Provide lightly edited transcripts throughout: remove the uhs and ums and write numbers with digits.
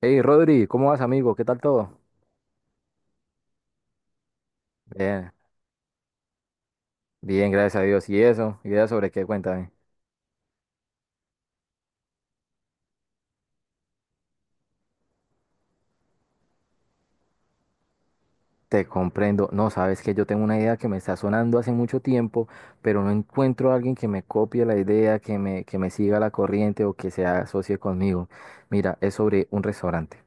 Hey Rodri, ¿cómo vas amigo? ¿Qué tal todo? Bien, bien, gracias a Dios. ¿Y eso? ¿Idea sobre qué? Cuéntame. Te comprendo. No, sabes que yo tengo una idea que me está sonando hace mucho tiempo, pero no encuentro a alguien que me copie la idea, que me siga la corriente o que se asocie conmigo. Mira, es sobre un restaurante.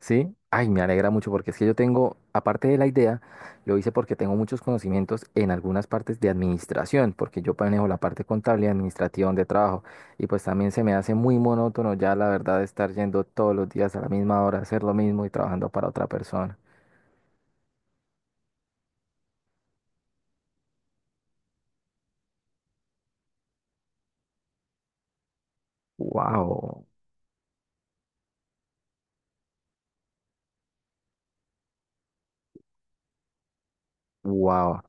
Sí, ay, me alegra mucho porque es que yo tengo, aparte de la idea, lo hice porque tengo muchos conocimientos en algunas partes de administración, porque yo manejo la parte contable y administrativa de trabajo, y pues también se me hace muy monótono ya la verdad estar yendo todos los días a la misma hora, a hacer lo mismo y trabajando para otra persona. Wow, wow.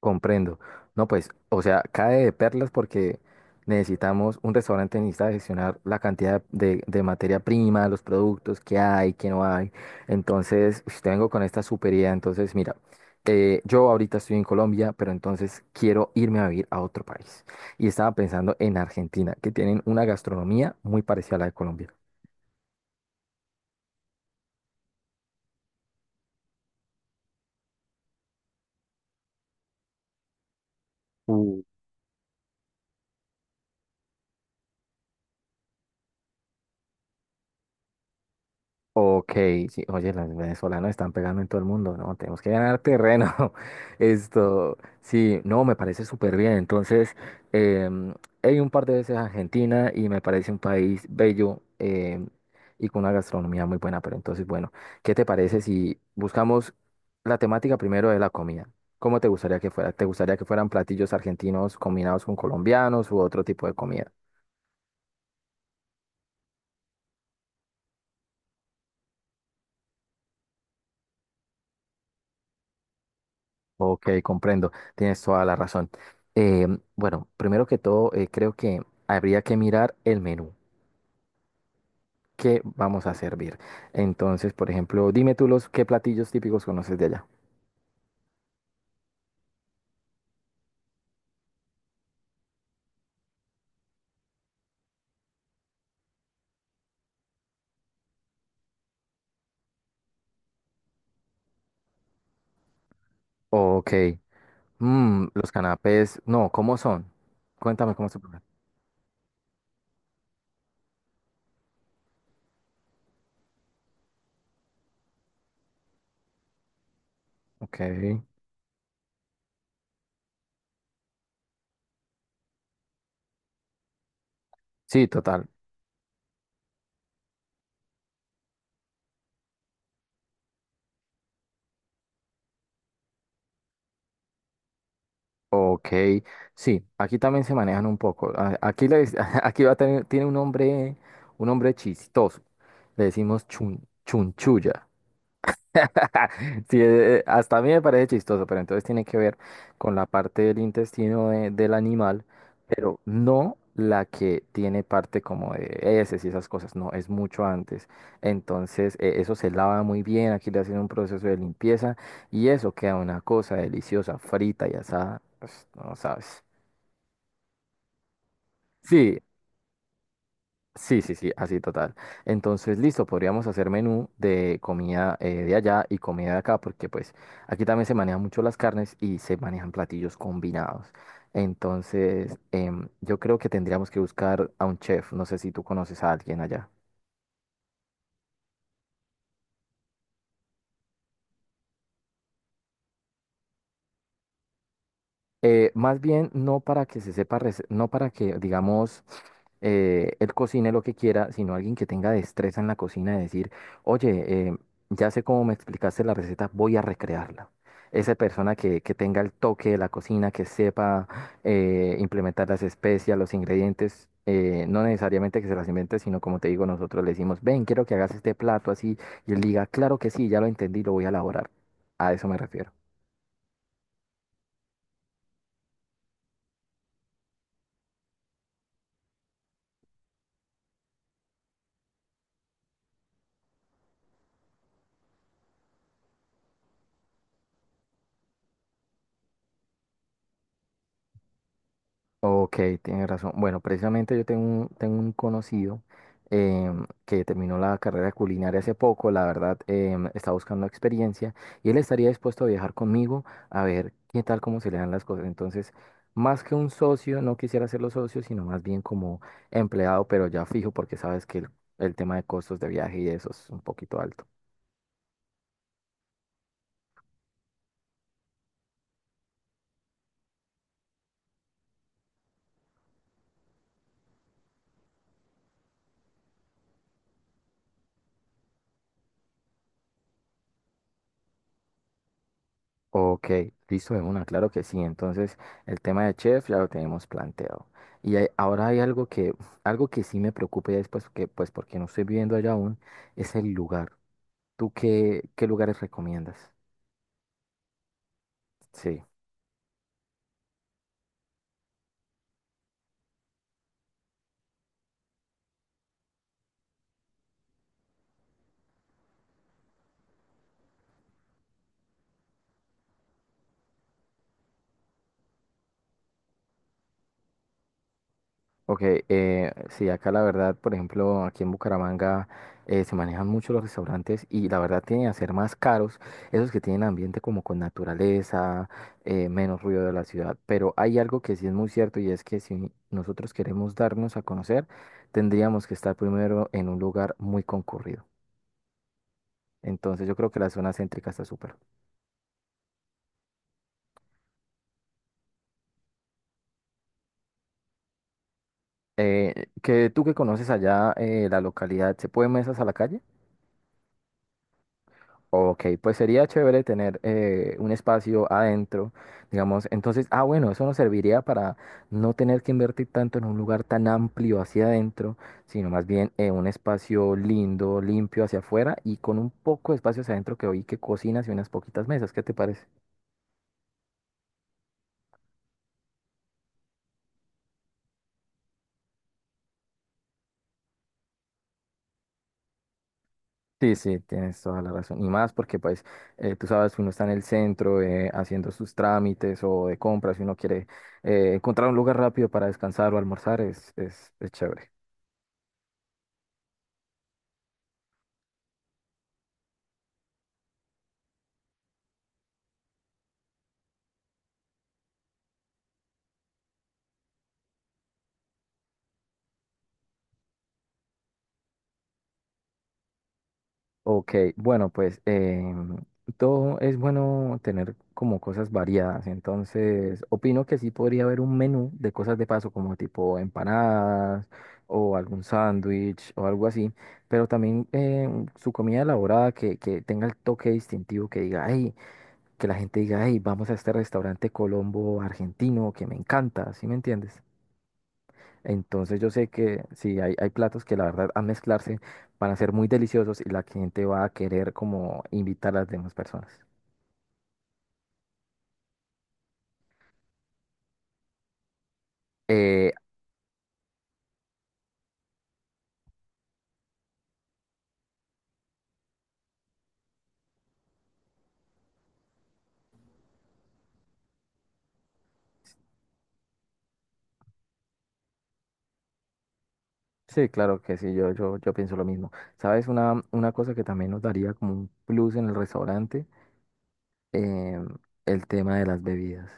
Comprendo. No, pues, o sea, cae de perlas porque necesitamos, un restaurante necesita gestionar la cantidad de materia prima, los productos que hay, que no hay. Entonces, ush, te vengo con esta super idea. Entonces, mira, yo ahorita estoy en Colombia, pero entonces quiero irme a vivir a otro país. Y estaba pensando en Argentina, que tienen una gastronomía muy parecida a la de Colombia. Ok, sí, oye, los venezolanos están pegando en todo el mundo, ¿no? Tenemos que ganar terreno. Esto, sí, no, me parece súper bien. Entonces, em, he ido un par de veces a Argentina y me parece un país bello y con una gastronomía muy buena. Pero entonces, bueno, ¿qué te parece si buscamos la temática primero de la comida? ¿Cómo te gustaría que fuera? ¿Te gustaría que fueran platillos argentinos combinados con colombianos u otro tipo de comida? Ok, comprendo, tienes toda la razón. Eh, bueno, primero que todo, creo que habría que mirar el menú. ¿Qué vamos a servir? Entonces, por ejemplo, dime tú los qué platillos típicos conoces de allá. Ok, mm, los canapés, no, ¿cómo son? Cuéntame cómo se preparan. Ok, sí, total. Ok, sí, aquí también se manejan un poco. Aquí, aquí va a tener, tiene un nombre chistoso. Le decimos chunchulla. Sí, hasta a mí me parece chistoso, pero entonces tiene que ver con la parte del intestino del animal, pero no la que tiene parte como de heces y esas cosas, no, es mucho antes. Entonces, eso se lava muy bien, aquí le hacen un proceso de limpieza y eso queda una cosa deliciosa, frita y asada, pues, no sabes. Sí, sí, sí, sí, así total. Entonces, listo, podríamos hacer menú de comida de allá y comida de acá, porque pues aquí también se manejan mucho las carnes y se manejan platillos combinados. Entonces, yo creo que tendríamos que buscar a un chef. No sé si tú conoces a alguien allá. Más bien, no para que se sepa, no para que, digamos, él cocine lo que quiera, sino alguien que tenga destreza en la cocina de decir, oye, ya sé cómo me explicaste la receta, voy a recrearla. Esa persona que tenga el toque de la cocina, que sepa implementar las especias, los ingredientes, no necesariamente que se las invente, sino como te digo, nosotros le decimos, ven, quiero que hagas este plato así, y él diga, claro que sí, ya lo entendí, lo voy a elaborar. A eso me refiero. Ok, tienes razón. Bueno, precisamente yo tengo un conocido que terminó la carrera de culinaria hace poco, la verdad, está buscando experiencia y él estaría dispuesto a viajar conmigo a ver qué tal, cómo se le dan las cosas. Entonces, más que un socio, no quisiera serlo socio, sino más bien como empleado, pero ya fijo, porque sabes que el tema de costos de viaje y eso es un poquito alto. Ok, listo de una, claro que sí. Entonces, el tema de chef ya lo tenemos planteado. Y ahora hay algo que sí me preocupa y es pues que, pues porque no estoy viviendo allá aún, es el lugar. ¿Tú qué lugares recomiendas? Sí. Ok, sí, acá la verdad, por ejemplo, aquí en Bucaramanga se manejan mucho los restaurantes y la verdad tienen a ser más caros esos que tienen ambiente como con naturaleza, menos ruido de la ciudad. Pero hay algo que sí es muy cierto y es que si nosotros queremos darnos a conocer, tendríamos que estar primero en un lugar muy concurrido. Entonces yo creo que la zona céntrica está súper. Que tú que conoces allá la localidad, ¿se pueden mesas a la calle? Ok, pues sería chévere tener un espacio adentro, digamos. Entonces, ah, bueno, eso nos serviría para no tener que invertir tanto en un lugar tan amplio hacia adentro, sino más bien un espacio lindo, limpio hacia afuera y con un poco de espacio hacia adentro que oí que cocinas y unas poquitas mesas. ¿Qué te parece? Sí, sí, tienes toda la razón. Y más porque, pues, tú sabes, uno está en el centro haciendo sus trámites o de compras, si uno quiere encontrar un lugar rápido para descansar o almorzar, es es chévere. Ok, bueno, pues todo es bueno tener como cosas variadas, entonces opino que sí podría haber un menú de cosas de paso como tipo empanadas o algún sándwich o algo así, pero también su comida elaborada que tenga el toque distintivo, que diga, ay, que la gente diga, ay, vamos a este restaurante Colombo argentino que me encanta, ¿sí me entiendes? Entonces yo sé que sí, hay platos que la verdad al mezclarse van a ser muy deliciosos y la gente va a querer como invitar a las demás personas. Eh, sí, claro que sí, yo pienso lo mismo. ¿Sabes? Una cosa que también nos daría como un plus en el restaurante, em, el tema de las bebidas.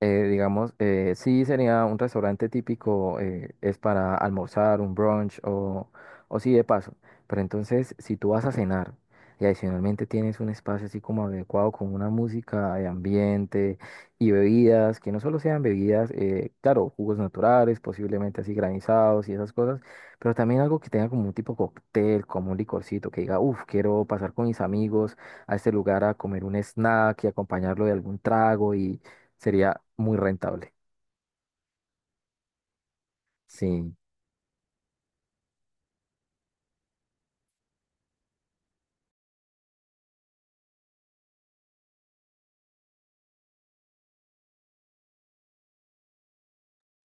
Eh, digamos, sí sería un restaurante típico, es para almorzar, un brunch o sí de paso. Pero entonces, si tú vas a cenar y adicionalmente tienes un espacio así como adecuado con una música de ambiente y bebidas, que no solo sean bebidas, claro, jugos naturales, posiblemente así granizados y esas cosas, pero también algo que tenga como un tipo cóctel, como un licorcito, que diga, uff, quiero pasar con mis amigos a este lugar a comer un snack y acompañarlo de algún trago. Sería muy rentable. Sí.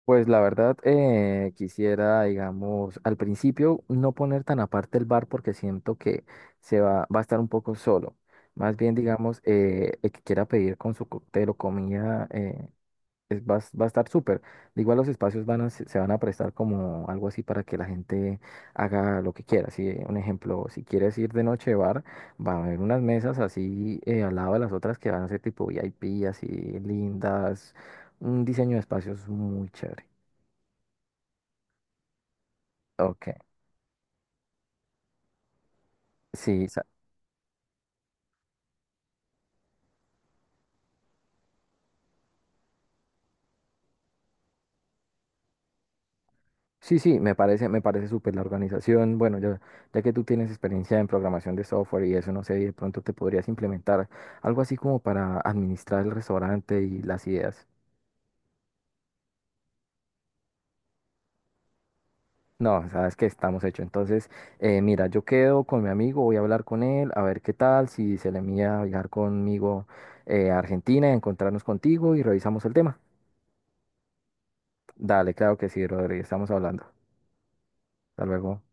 Pues la verdad, quisiera, digamos, al principio no poner tan aparte el bar porque siento que va a estar un poco solo. Más bien, digamos, el que quiera pedir con su cóctel o comida, va a estar súper. De igual los espacios van a, se van a prestar como algo así para que la gente haga lo que quiera. Si, un ejemplo, si quieres ir de noche de bar, va a haber unas mesas así al lado de las otras que van a ser tipo VIP, así lindas. Un diseño de espacios muy chévere. Ok. Sí, sí, sí, me parece súper la organización. Bueno, ya que tú tienes experiencia en programación de software y eso, no sé, de pronto te podrías implementar algo así como para administrar el restaurante y las ideas. No, sabes que estamos hechos. Entonces, mira, yo quedo con mi amigo, voy a hablar con él, a ver qué tal, si se le mía viajar conmigo a Argentina, encontrarnos contigo y revisamos el tema. Dale, claro que sí, Rodri, estamos hablando. Hasta luego.